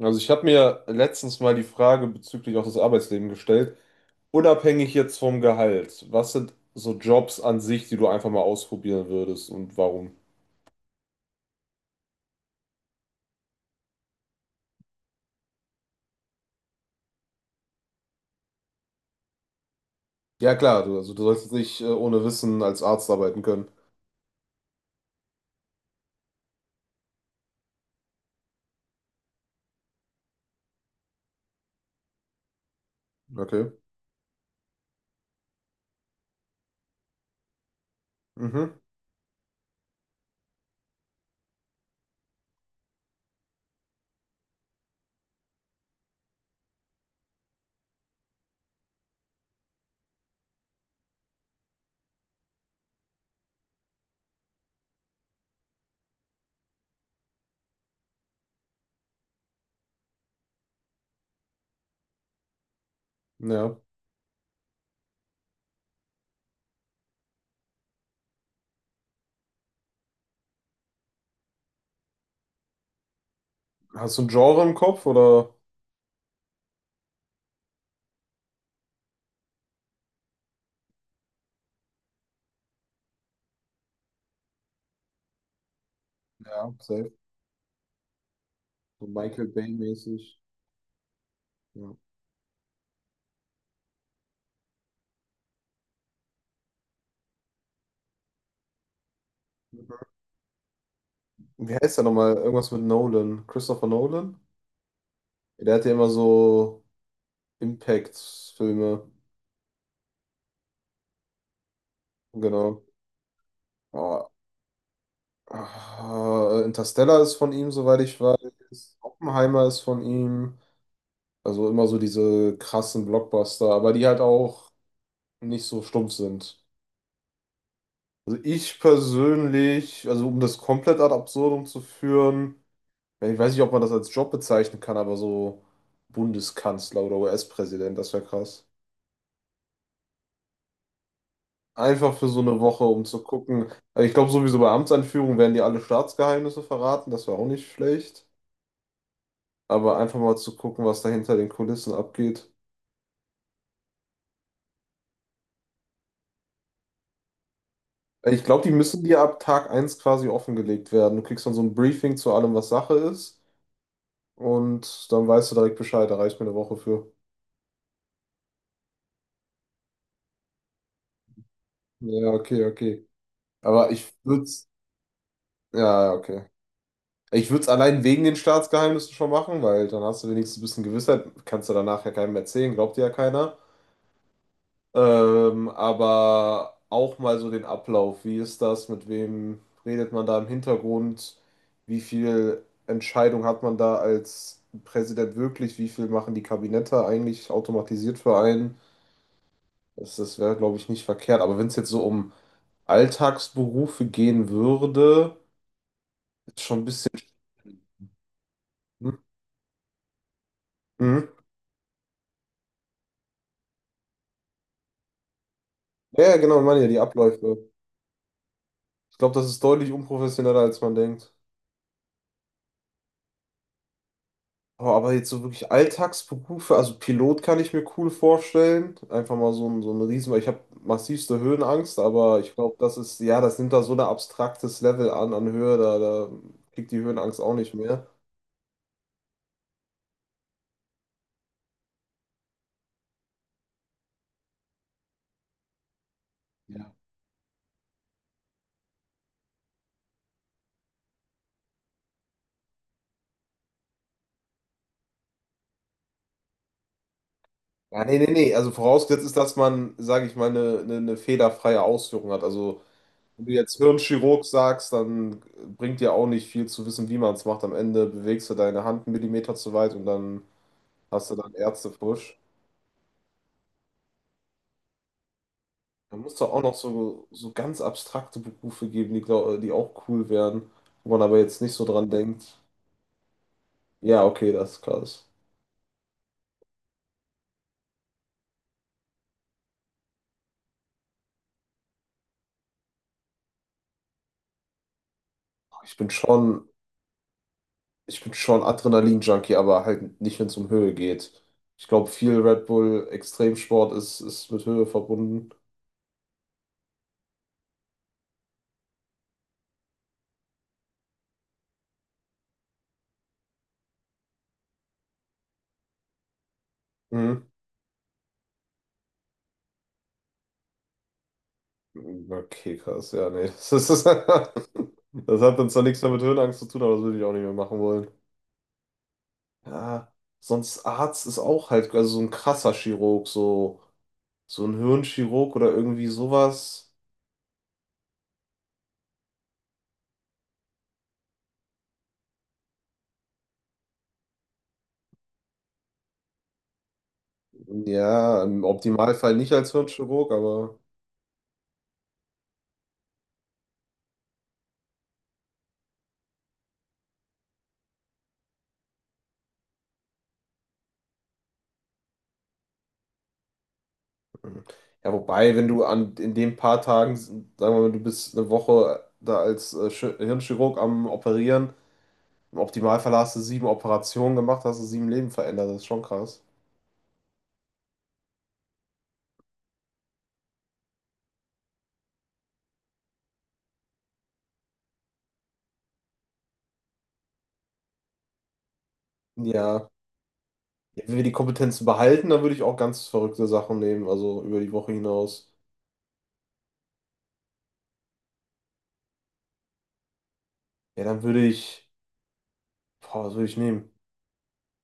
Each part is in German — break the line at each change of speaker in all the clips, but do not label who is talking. Also ich habe mir letztens mal die Frage bezüglich auch des Arbeitslebens gestellt, unabhängig jetzt vom Gehalt. Was sind so Jobs an sich, die du einfach mal ausprobieren würdest und warum? Ja klar, du, also du sollst nicht ohne Wissen als Arzt arbeiten können. Okay. Mhm. Ja. Hast du ein Genre im Kopf oder? Ja, safe. So Michael Bay-mäßig. Ja. Wie heißt der nochmal? Irgendwas mit Nolan. Christopher Nolan? Der hat ja immer so Impact-Filme. Genau. Oh, ah, Interstellar ist von ihm, soweit ich weiß. Oppenheimer ist von ihm. Also immer so diese krassen Blockbuster, aber die halt auch nicht so stumpf sind. Also ich persönlich, also um das komplett ad absurdum zu führen, ja, ich weiß nicht, ob man das als Job bezeichnen kann, aber so Bundeskanzler oder US-Präsident, das wäre krass. Einfach für so eine Woche, um zu gucken. Also ich glaube sowieso bei Amtsanführung werden die alle Staatsgeheimnisse verraten, das wäre auch nicht schlecht. Aber einfach mal zu gucken, was da hinter den Kulissen abgeht. Ich glaube, die müssen dir ab Tag eins quasi offengelegt werden. Du kriegst dann so ein Briefing zu allem, was Sache ist. Und dann weißt du direkt Bescheid. Da reicht mir eine Woche für. Ja, okay, okay. Aber ich würde es. Ja, ja, okay. Ich würde es allein wegen den Staatsgeheimnissen schon machen, weil dann hast du wenigstens ein bisschen Gewissheit. Kannst du danach ja keinem erzählen, glaubt dir ja keiner. Aber auch mal so den Ablauf. Wie ist das? Mit wem redet man da im Hintergrund? Wie viel Entscheidung hat man da als Präsident wirklich? Wie viel machen die Kabinette eigentlich automatisiert für einen? Das wäre, glaube ich, nicht verkehrt. Aber wenn es jetzt so um Alltagsberufe gehen würde, ist schon ein bisschen. Hm? Mhm. Ja, ja, genau, ich meine ja die Abläufe. Ich glaube, das ist deutlich unprofessioneller, als man denkt. Oh, aber jetzt so wirklich Alltagsberufe, also Pilot kann ich mir cool vorstellen. Einfach mal so ein Riesen, weil ich habe massivste Höhenangst, aber ich glaube, das ist, ja, das nimmt da so ein abstraktes Level an, an Höhe, da kriegt die Höhenangst auch nicht mehr. Ja, nee, nee, nee, also vorausgesetzt ist, dass man, sage ich mal, eine fehlerfreie Ausführung hat. Also, wenn du jetzt Hirnchirurg sagst, dann bringt dir auch nicht viel zu wissen, wie man es macht. Am Ende bewegst du deine Hand einen Millimeter zu weit und dann hast du dann Ärztefusch. Da muss doch auch noch so, so ganz abstrakte Berufe geben, die, glaub, die auch cool wären, wo man aber jetzt nicht so dran denkt. Ja, okay, das ist krass. Ich bin schon, ich bin schon Adrenalin-Junkie, aber halt nicht, wenn es um Höhe geht. Ich glaube, viel Red Bull Extremsport ist, ist mit Höhe verbunden. Mhm. Okay, krass. Ja, nee. Das ist, das hat dann zwar nichts mehr mit Höhenangst zu tun, aber das würde ich auch nicht mehr machen wollen. Ja, sonst Arzt ist auch halt, also so ein krasser Chirurg, so. So ein Hirnchirurg oder irgendwie sowas. Ja, im Optimalfall nicht als Hirnchirurg, aber hm. Ja, wobei, wenn du an in den paar Tagen, sagen wir mal, du bist eine Woche da als Hirnchirurg am Operieren, im Optimalfall hast du sieben Operationen gemacht, hast du sieben Leben verändert, das ist schon krass. Ja, ja, wenn wir die Kompetenzen behalten, dann würde ich auch ganz verrückte Sachen nehmen, also über die Woche hinaus. Ja, dann würde ich, boah, was würde ich nehmen?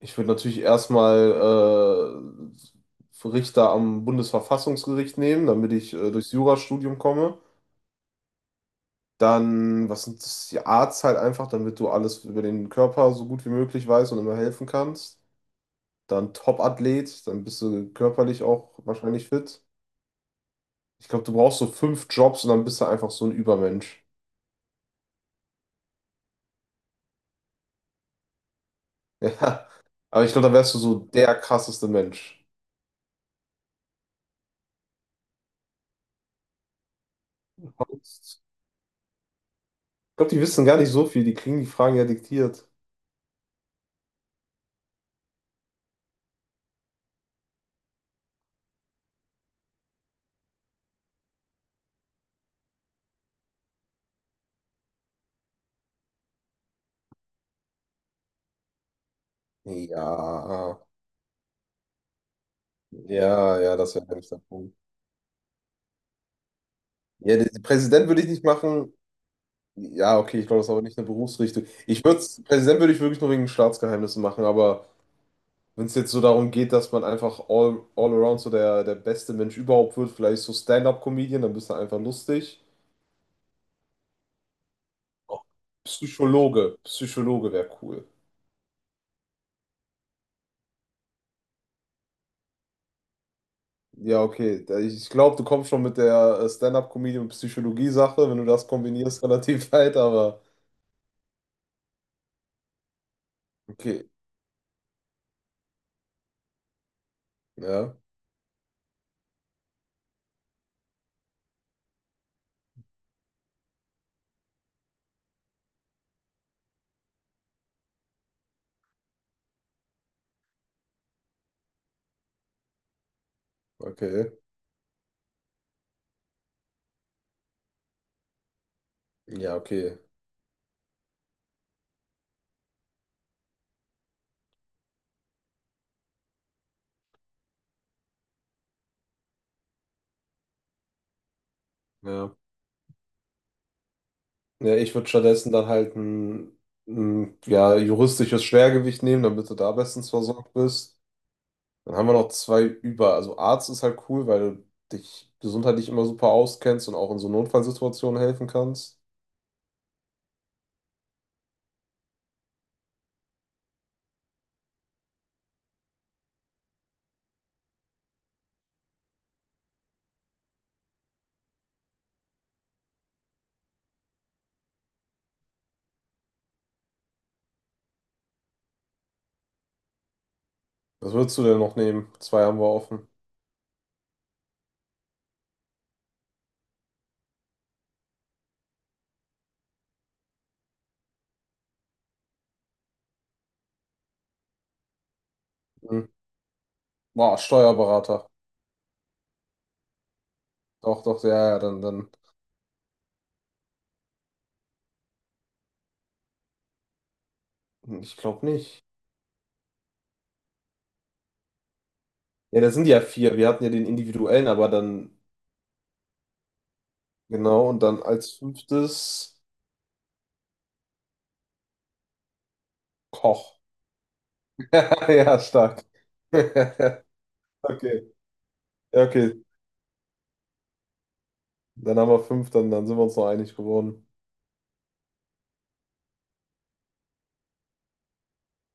Ich würde natürlich erstmal Richter am Bundesverfassungsgericht nehmen, damit ich durchs Jurastudium komme. Dann, was sind das, die Arzt halt einfach, damit du alles über den Körper so gut wie möglich weißt und immer helfen kannst. Dann Top-Athlet, dann bist du körperlich auch wahrscheinlich fit. Ich glaube, du brauchst so fünf Jobs und dann bist du einfach so ein Übermensch. Ja, aber ich glaube, dann wärst du so der krasseste Mensch. Sonst- Ich glaube, die wissen gar nicht so viel, die kriegen die Fragen ja diktiert. Ja. Ja, ja, das wäre nämlich der Punkt. Ja, den Präsident würde ich nicht machen. Ja, okay, ich glaube, das ist aber nicht eine Berufsrichtung. Ich würde, Präsident würde ich wirklich nur wegen Staatsgeheimnissen machen, aber wenn es jetzt so darum geht, dass man einfach all around so der, der beste Mensch überhaupt wird, vielleicht so Stand-up-Comedian, dann bist du einfach lustig. Oh, Psychologe, Psychologe wäre cool. Ja, okay. Da- ich glaube, du kommst schon mit der Stand-up-Comedy und Psychologie-Sache, wenn du das kombinierst, relativ weit, aber okay. Ja, okay. Ja, okay. Ja. Ja, ich würde stattdessen dann halt ein ja, juristisches Schwergewicht nehmen, damit du da bestens versorgt bist. Dann haben wir noch zwei über. Also Arzt ist halt cool, weil du dich gesundheitlich immer super auskennst und auch in so Notfallsituationen helfen kannst. Was würdest du denn noch nehmen? Zwei haben wir offen. Hm. Boah, Steuerberater. Doch, doch, ja, ja, dann. Ich glaube nicht. Ja, das sind ja vier. Wir hatten ja den individuellen, aber dann, genau, und dann als fünftes Koch. Ja, stark. Okay. Ja, okay, dann haben wir fünf, dann sind wir uns noch einig geworden.